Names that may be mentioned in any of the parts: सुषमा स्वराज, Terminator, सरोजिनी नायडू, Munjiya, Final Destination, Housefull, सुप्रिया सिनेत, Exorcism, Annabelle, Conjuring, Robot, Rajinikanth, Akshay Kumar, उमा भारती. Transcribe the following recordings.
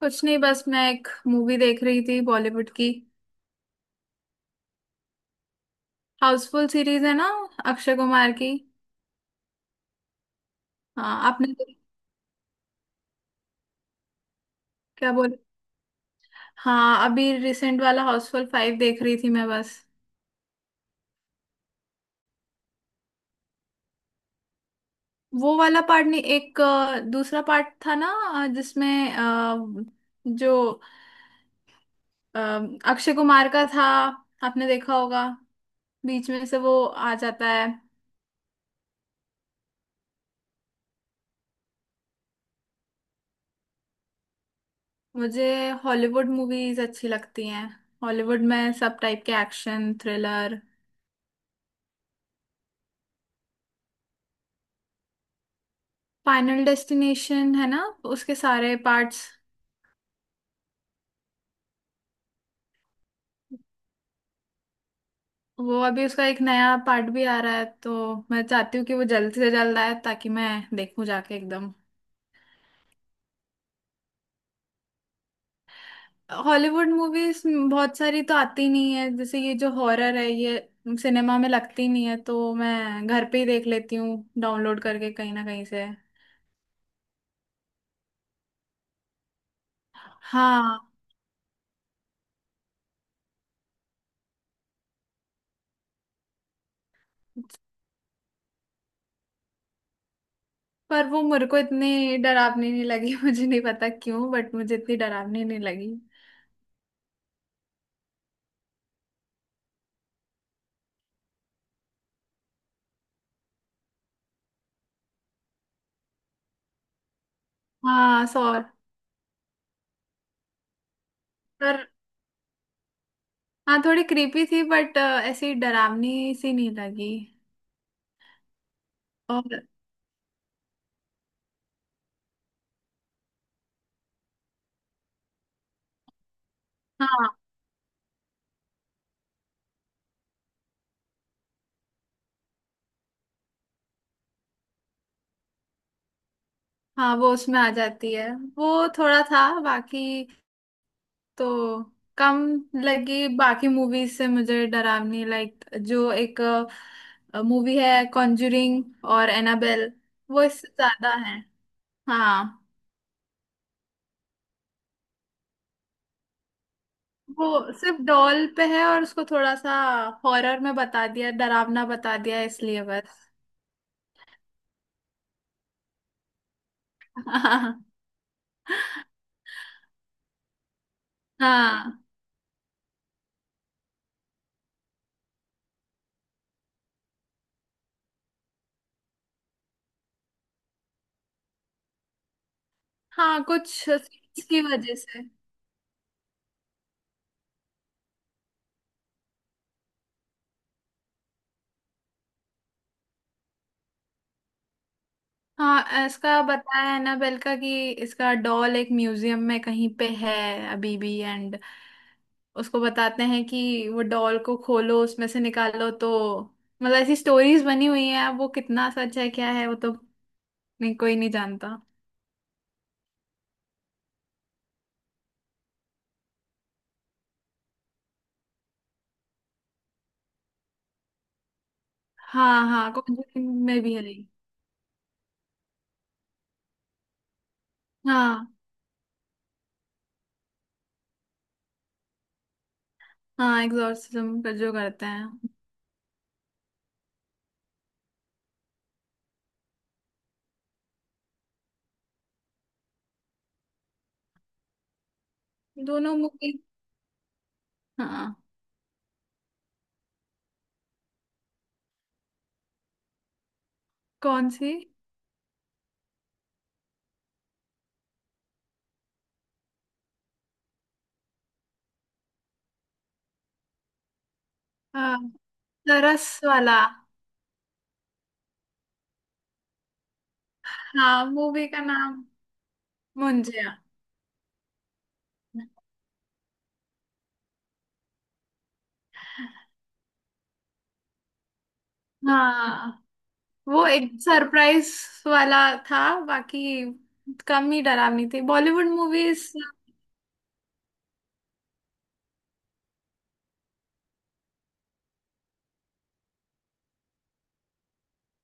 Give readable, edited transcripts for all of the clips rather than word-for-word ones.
कुछ नहीं। बस मैं एक मूवी देख रही थी बॉलीवुड की। हाउसफुल सीरीज है ना, अक्षय कुमार की। हाँ, आपने तो। क्या बोल? हाँ, अभी रिसेंट वाला हाउसफुल फाइव देख रही थी मैं बस। वो वाला पार्ट नहीं, एक दूसरा पार्ट था ना। जिसमें जो अ, अक्षय कुमार का था। आपने देखा होगा, बीच में से वो आ जाता है। मुझे हॉलीवुड मूवीज अच्छी लगती हैं। हॉलीवुड में सब टाइप के, एक्शन, थ्रिलर। फाइनल डेस्टिनेशन है ना, उसके सारे पार्ट्स। वो अभी उसका एक नया पार्ट भी आ रहा है, तो मैं चाहती हूँ कि वो जल्द से जल्द आए ताकि मैं देखूँ जाके एकदम। हॉलीवुड मूवीज बहुत सारी तो आती नहीं है, जैसे ये जो हॉरर है ये सिनेमा में लगती नहीं है, तो मैं घर पे ही देख लेती हूँ डाउनलोड करके कहीं ना कहीं से। हाँ। पर वो मेरे को इतनी डरावनी नहीं लगी मुझे नहीं पता क्यों, बट मुझे इतनी डरावनी नहीं लगी। हाँ, सॉ। पर हाँ, थोड़ी क्रीपी थी बट ऐसी डरावनी सी नहीं लगी। और हाँ। हाँ, वो उसमें आ जाती है। वो थोड़ा था, बाकी तो कम लगी बाकी मूवीज से मुझे डरावनी। लाइक जो एक मूवी है कॉन्जरिंग और एनाबेल, वो इससे ज्यादा है। हाँ। वो सिर्फ डॉल पे है और उसको थोड़ा सा हॉरर में बता दिया, डरावना बता दिया इसलिए बस। हाँ। हाँ। हाँ, कुछ सीन्स की वजह से। हाँ, इसका बताया है ना बेलका कि इसका डॉल एक म्यूजियम में कहीं पे है अभी भी एंड। उसको बताते हैं कि वो डॉल को खोलो उसमें से निकालो तो, मतलब ऐसी स्टोरीज बनी हुई हैं। अब वो कितना सच है क्या है, वो तो नहीं, कोई नहीं जानता। हाँ। हाँ, कॉन्जरिंग में भी है। हाँ। हाँ, एग्जॉर्सिज्म का जो करते हैं। दोनों मूवी। हाँ। कौन सी? हाँ, तरस वाला। हाँ, मूवी का नाम मुंजिया। हाँ, वो एक सरप्राइज वाला था, बाकी कम ही डरावनी थी बॉलीवुड मूवीज।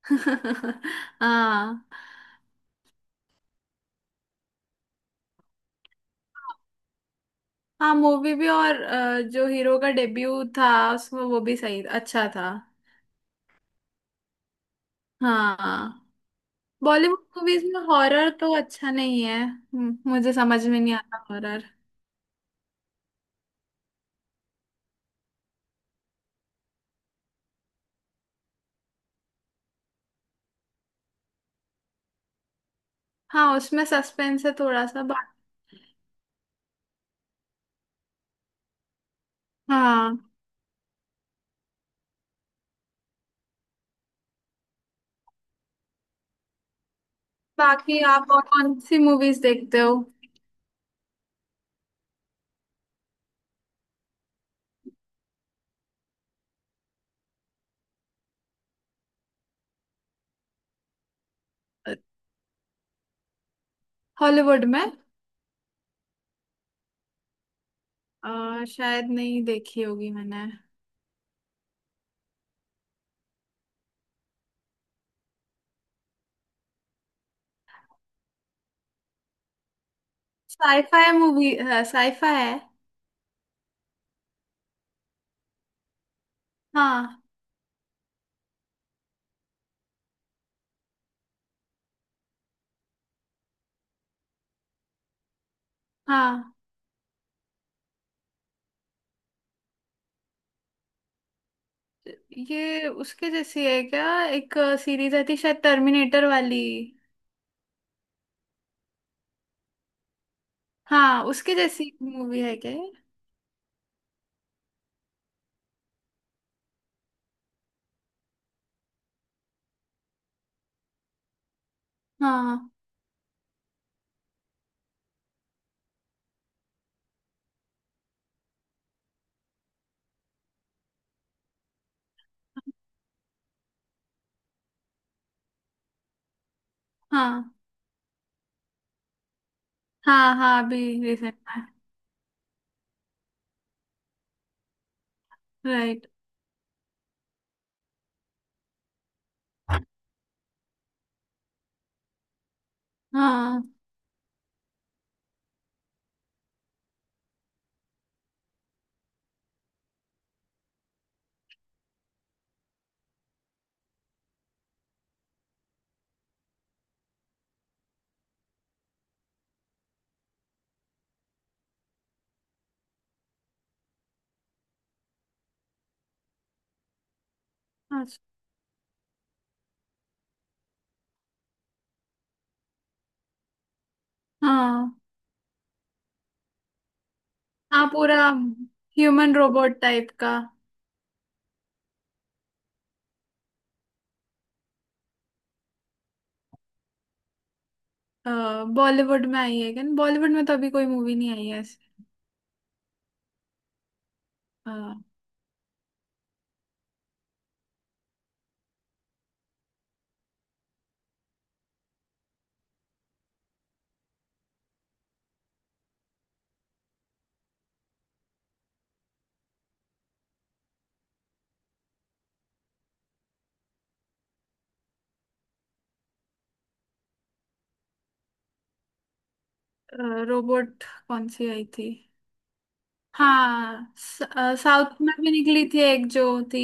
हाँ। हाँ, मूवी भी। और जो हीरो का डेब्यू था उसमें वो भी सही अच्छा था। हाँ। बॉलीवुड मूवीज में हॉरर तो अच्छा नहीं है। मुझे समझ में नहीं आता हॉरर। हाँ, उसमें सस्पेंस है थोड़ा सा बा... हाँ। बाकी आप और कौन सी मूवीज देखते हो? हॉलीवुड में। शायद नहीं देखी होगी मैंने। साईफाई मूवी, साईफाई है। हाँ। हाँ, ये उसके जैसी है क्या? एक सीरीज आई थी शायद, टर्मिनेटर वाली। हाँ, उसके जैसी मूवी है क्या ये? हाँ। हाँ। हाँ। हाँ, अभी रिसेंट में। राइट। हाँ। अच्छा। हाँ। हाँ, पूरा। ह्यूमन रोबोट टाइप का। बॉलीवुड में आई है क्या? बॉलीवुड में तो अभी कोई मूवी नहीं आई है ऐसे। रोबोट कौन सी आई थी? हाँ, स- साउथ में भी निकली थी एक जो थी।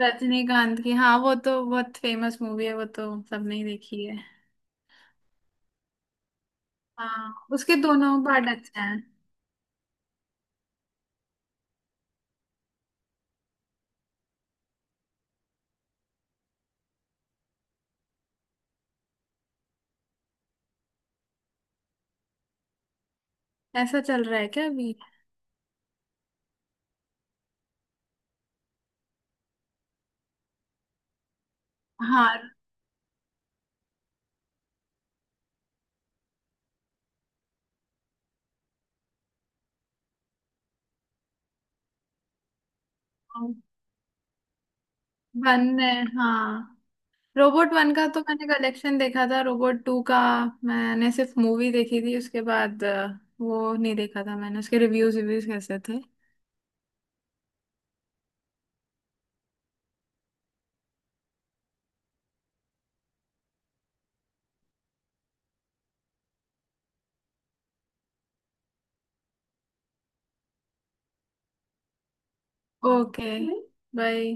रजनीकांत की, हाँ वो तो बहुत फेमस मूवी है, वो तो सबने ही देखी है। हाँ, उसके दोनों पार्ट अच्छे हैं। ऐसा चल रहा है क्या अभी? हाँ, वन है। हाँ, रोबोट वन का तो मैंने कलेक्शन देखा था, रोबोट टू का मैंने सिर्फ मूवी देखी थी उसके बाद। वो नहीं देखा था मैंने उसके रिव्यूज। रिव्यूज कैसे थे? ओके। बाय।